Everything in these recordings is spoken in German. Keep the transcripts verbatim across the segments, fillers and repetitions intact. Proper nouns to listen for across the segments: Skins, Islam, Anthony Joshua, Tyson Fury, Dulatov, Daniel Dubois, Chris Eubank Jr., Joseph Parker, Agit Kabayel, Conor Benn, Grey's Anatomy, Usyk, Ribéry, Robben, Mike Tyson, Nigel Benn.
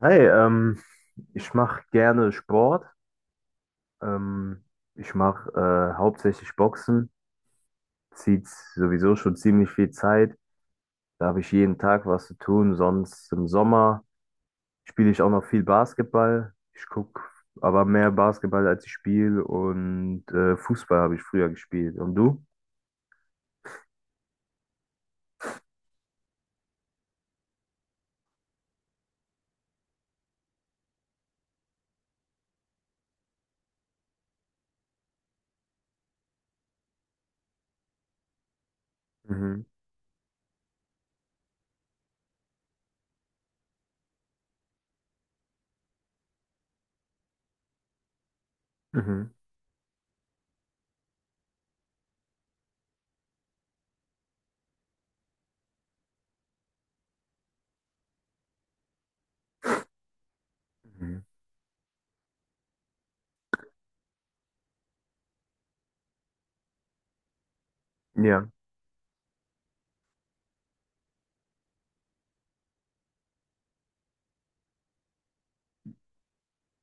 Hey, ähm, ich mache gerne Sport. Ähm, ich mache äh, hauptsächlich Boxen. Zieht sowieso schon ziemlich viel Zeit. Da habe ich jeden Tag was zu tun. Sonst im Sommer spiele ich auch noch viel Basketball. Ich gucke aber mehr Basketball, als ich spiele. Und äh, Fußball habe ich früher gespielt. Und du? Mhm. Mhm. Mhm. Ja.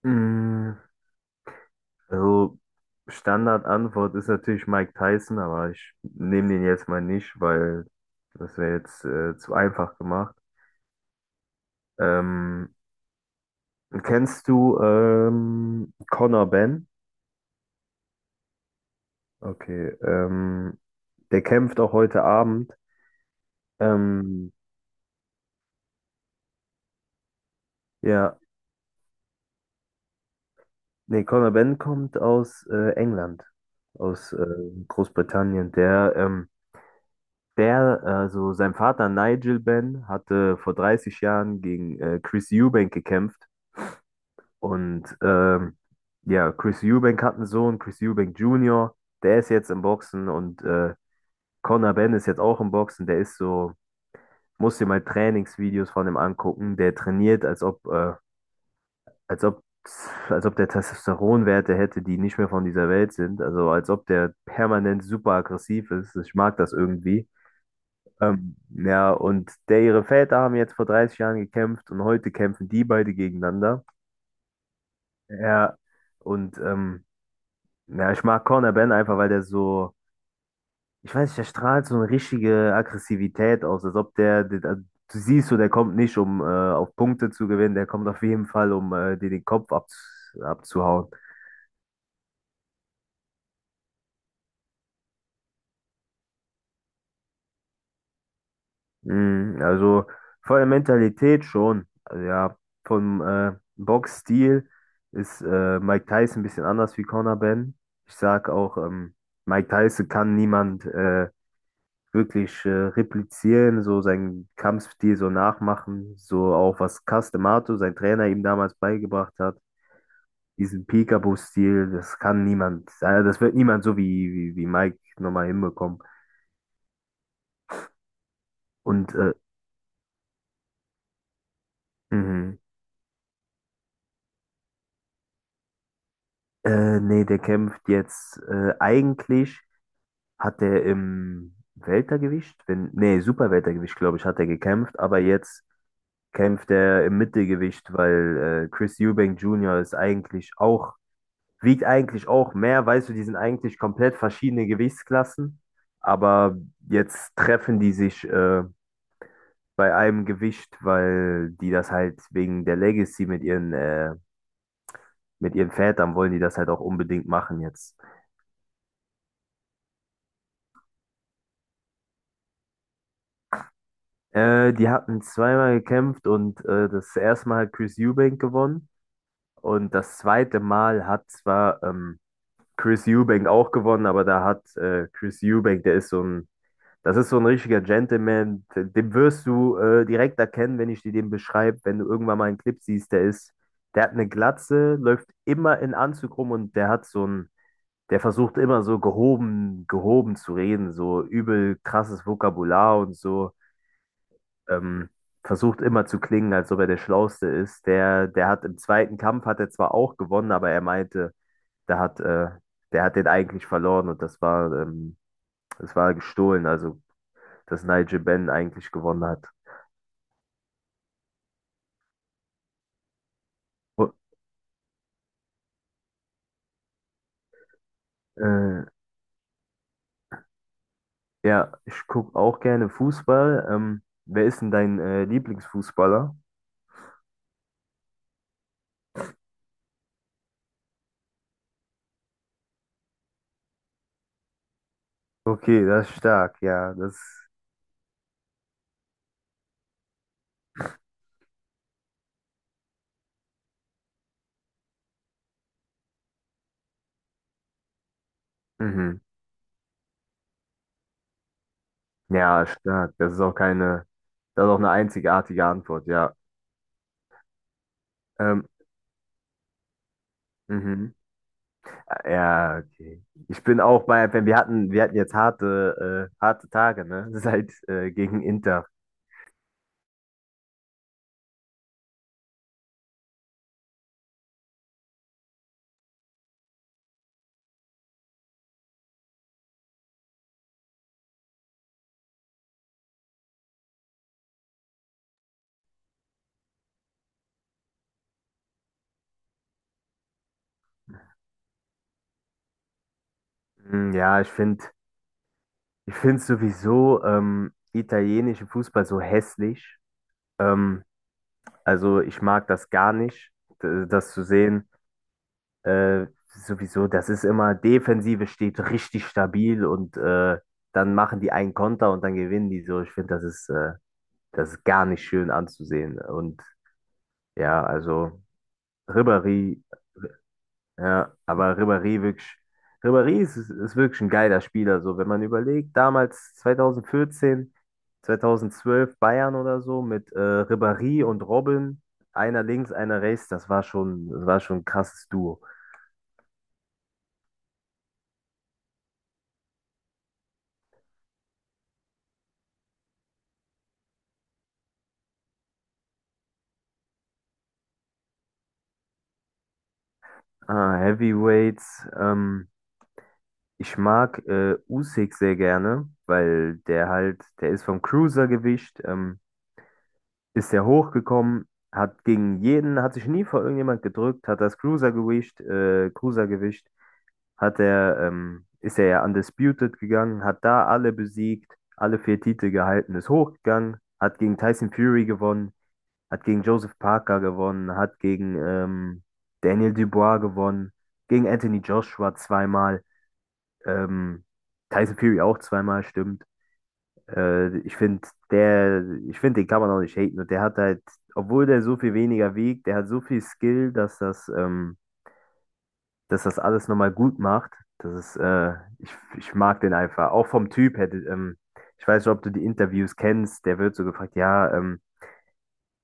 Mm, Also Standardantwort ist natürlich Mike Tyson, aber ich nehme den jetzt mal nicht, weil das wäre jetzt äh, zu einfach gemacht. Ähm, kennst du ähm, Conor Benn? Okay, ähm, der kämpft auch heute Abend. Ähm, ja, nee, Conor Benn kommt aus äh, England, aus äh, Großbritannien. Der, ähm, der, also sein Vater Nigel Benn hatte vor dreißig Jahren gegen äh, Chris Eubank gekämpft. Und ähm, ja, Chris Eubank hat einen Sohn, Chris Eubank Junior, der ist jetzt im Boxen, und äh, Conor Benn ist jetzt auch im Boxen. Der ist so, muss dir mal Trainingsvideos von ihm angucken. Der trainiert, als ob, äh, als ob, als ob der Testosteronwerte hätte, die nicht mehr von dieser Welt sind, also als ob der permanent super aggressiv ist. Ich mag das irgendwie. Ähm, ja, und der, ihre Väter haben jetzt vor dreißig Jahren gekämpft, und heute kämpfen die beide gegeneinander. Ja, und ähm, Ja, ich mag Corner Ben einfach, weil der so, ich weiß nicht, der strahlt so eine richtige Aggressivität aus, als ob der, der also, du siehst so, der kommt nicht, um äh, auf Punkte zu gewinnen. Der kommt auf jeden Fall, um äh, dir den Kopf ab, abzuhauen. Mm, also von der Mentalität schon, also ja, vom äh, Boxstil ist äh, Mike Tyson ein bisschen anders wie Conor Ben. Ich sag auch, ähm, Mike Tyson kann niemand äh, wirklich äh, replizieren, so seinen Kampfstil so nachmachen, so auch was Castemato, sein Trainer, ihm damals beigebracht hat. Diesen Peekaboo-Stil, das kann niemand, äh, das wird niemand so wie, wie, wie Mike nochmal hinbekommen. Und äh, mhm. äh, nee, der kämpft jetzt äh, eigentlich, hat er im Weltergewicht, wenn, nee, Superweltergewicht, glaube ich, hat er gekämpft, aber jetzt kämpft er im Mittelgewicht, weil äh, Chris Eubank Junior ist eigentlich auch, wiegt eigentlich auch mehr, weißt du, die sind eigentlich komplett verschiedene Gewichtsklassen, aber jetzt treffen die sich äh, bei einem Gewicht, weil die das halt wegen der Legacy mit ihren, äh, mit ihren Vätern, wollen die das halt auch unbedingt machen jetzt. Äh, die hatten zweimal gekämpft, und äh, das erste Mal hat Chris Eubank gewonnen, und das zweite Mal hat zwar ähm, Chris Eubank auch gewonnen, aber da hat äh, Chris Eubank, der ist so ein. Das ist so ein richtiger Gentleman. Den wirst du äh, direkt erkennen, wenn ich dir den beschreibe, wenn du irgendwann mal einen Clip siehst. Der ist, der hat eine Glatze, läuft immer in Anzug rum, und der hat so ein, der versucht immer so gehoben, gehoben zu reden, so übel krasses Vokabular und so. Ähm, versucht immer zu klingen, als ob er der Schlauste ist. Der, der hat im zweiten Kampf, hat er zwar auch gewonnen, aber er meinte, der hat, äh, der hat den eigentlich verloren, und das war, ähm, das war gestohlen, also dass Nigel Benn eigentlich gewonnen hat. Oh, äh, ja, ich gucke auch gerne Fußball. Ähm, wer ist denn dein äh, Lieblingsfußballer? Okay, das ist stark, ja, das, mhm. Ja, stark. Das ist auch keine, das ist auch eine einzigartige Antwort, ja. Ähm, mhm. Ja, okay. Ich bin auch bei, wenn, wir hatten, wir hatten jetzt harte, äh, harte Tage, ne? Seit äh, gegen Inter. Mm, Ja, ich finde, ich finde sowieso ähm, italienischen Fußball so hässlich. Ähm, Also ich mag das gar nicht, d- das zu sehen. Äh, sowieso, das ist immer, Defensive steht richtig stabil, und äh, dann machen die einen Konter und dann gewinnen die so. Ich finde, das ist, äh, das ist gar nicht schön anzusehen. Und ja, also Ribéry. Ja, aber Ribéry wirklich, Ribéry ist, ist wirklich ein geiler Spieler. So, wenn man überlegt, damals zwanzig vierzehn, zwanzig zwölf Bayern oder so mit äh, Ribéry und Robben, einer links, einer rechts, das war schon, das war schon ein krasses Duo. Ah, Heavyweights, ähm, ich mag äh, Usyk sehr gerne, weil der halt, der ist vom Cruisergewicht, ähm, ist der hochgekommen, hat gegen jeden, hat sich nie vor irgendjemand gedrückt, hat das Cruisergewicht, äh, Cruisergewicht hat er, ähm, ist er ja undisputed gegangen, hat da alle besiegt, alle vier Titel gehalten, ist hochgegangen, hat gegen Tyson Fury gewonnen, hat gegen Joseph Parker gewonnen, hat gegen ähm, Daniel Dubois gewonnen, gegen Anthony Joshua zweimal, ähm, Tyson Fury auch zweimal, stimmt. Äh, ich finde, der, ich finde, den kann man auch nicht haten. Und der hat halt, obwohl der so viel weniger wiegt, der hat so viel Skill, dass das, ähm, dass das alles nochmal gut macht. Das ist, äh, ich, ich mag den einfach. Auch vom Typ hätte, ähm, ich weiß nicht, ob du die Interviews kennst, der wird so gefragt, ja, ähm,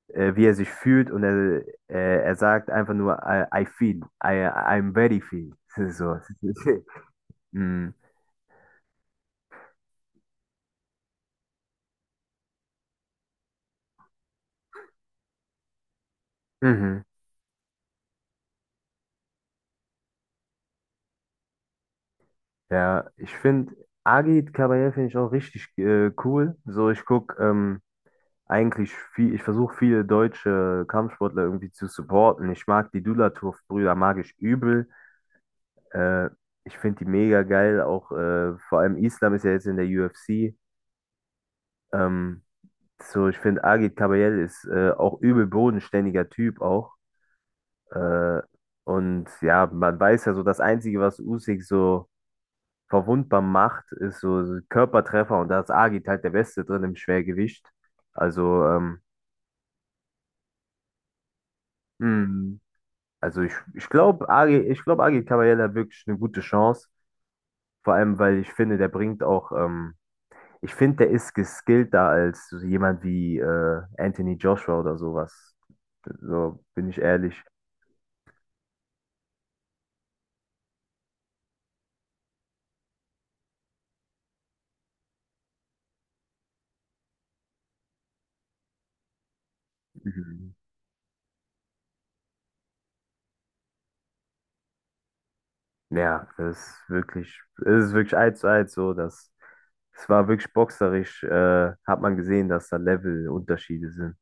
äh, wie er sich fühlt, und er, äh, er sagt einfach nur, I, I feel, I, I'm very feel. So. mm, mhm. Ja, ich finde, Agit Kabayel finde ich auch richtig äh, cool. So, ich gucke ähm, eigentlich viel, ich versuche viele deutsche Kampfsportler irgendwie zu supporten. Ich mag die Dulatov-Brüder, mag ich übel. Äh, ich finde die mega geil, auch äh, vor allem Islam ist ja jetzt in der U F C. Ähm, so, ich finde, Agit Kabayel ist äh, auch übel bodenständiger Typ auch. Äh, und ja, man weiß ja so, das Einzige, was Usyk so verwundbar macht, ist so so Körpertreffer, und da ist Agit halt der Beste drin im Schwergewicht. Also, ähm, hm, also ich, ich glaube, Agit, ich glaub, Agit Kabayel hat wirklich eine gute Chance. Vor allem, weil ich finde, der bringt auch ähm, Ich finde, der ist geskillter als so jemand wie äh, Anthony Joshua oder sowas. So bin ich ehrlich. Mhm. Ja, das ist wirklich, es ist wirklich eins zu eins so, dass es war wirklich boxerisch, äh, hat man gesehen, dass da Levelunterschiede sind.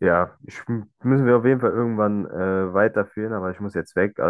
Ja, ich, müssen wir auf jeden Fall irgendwann äh, weiterführen, aber ich muss jetzt weg.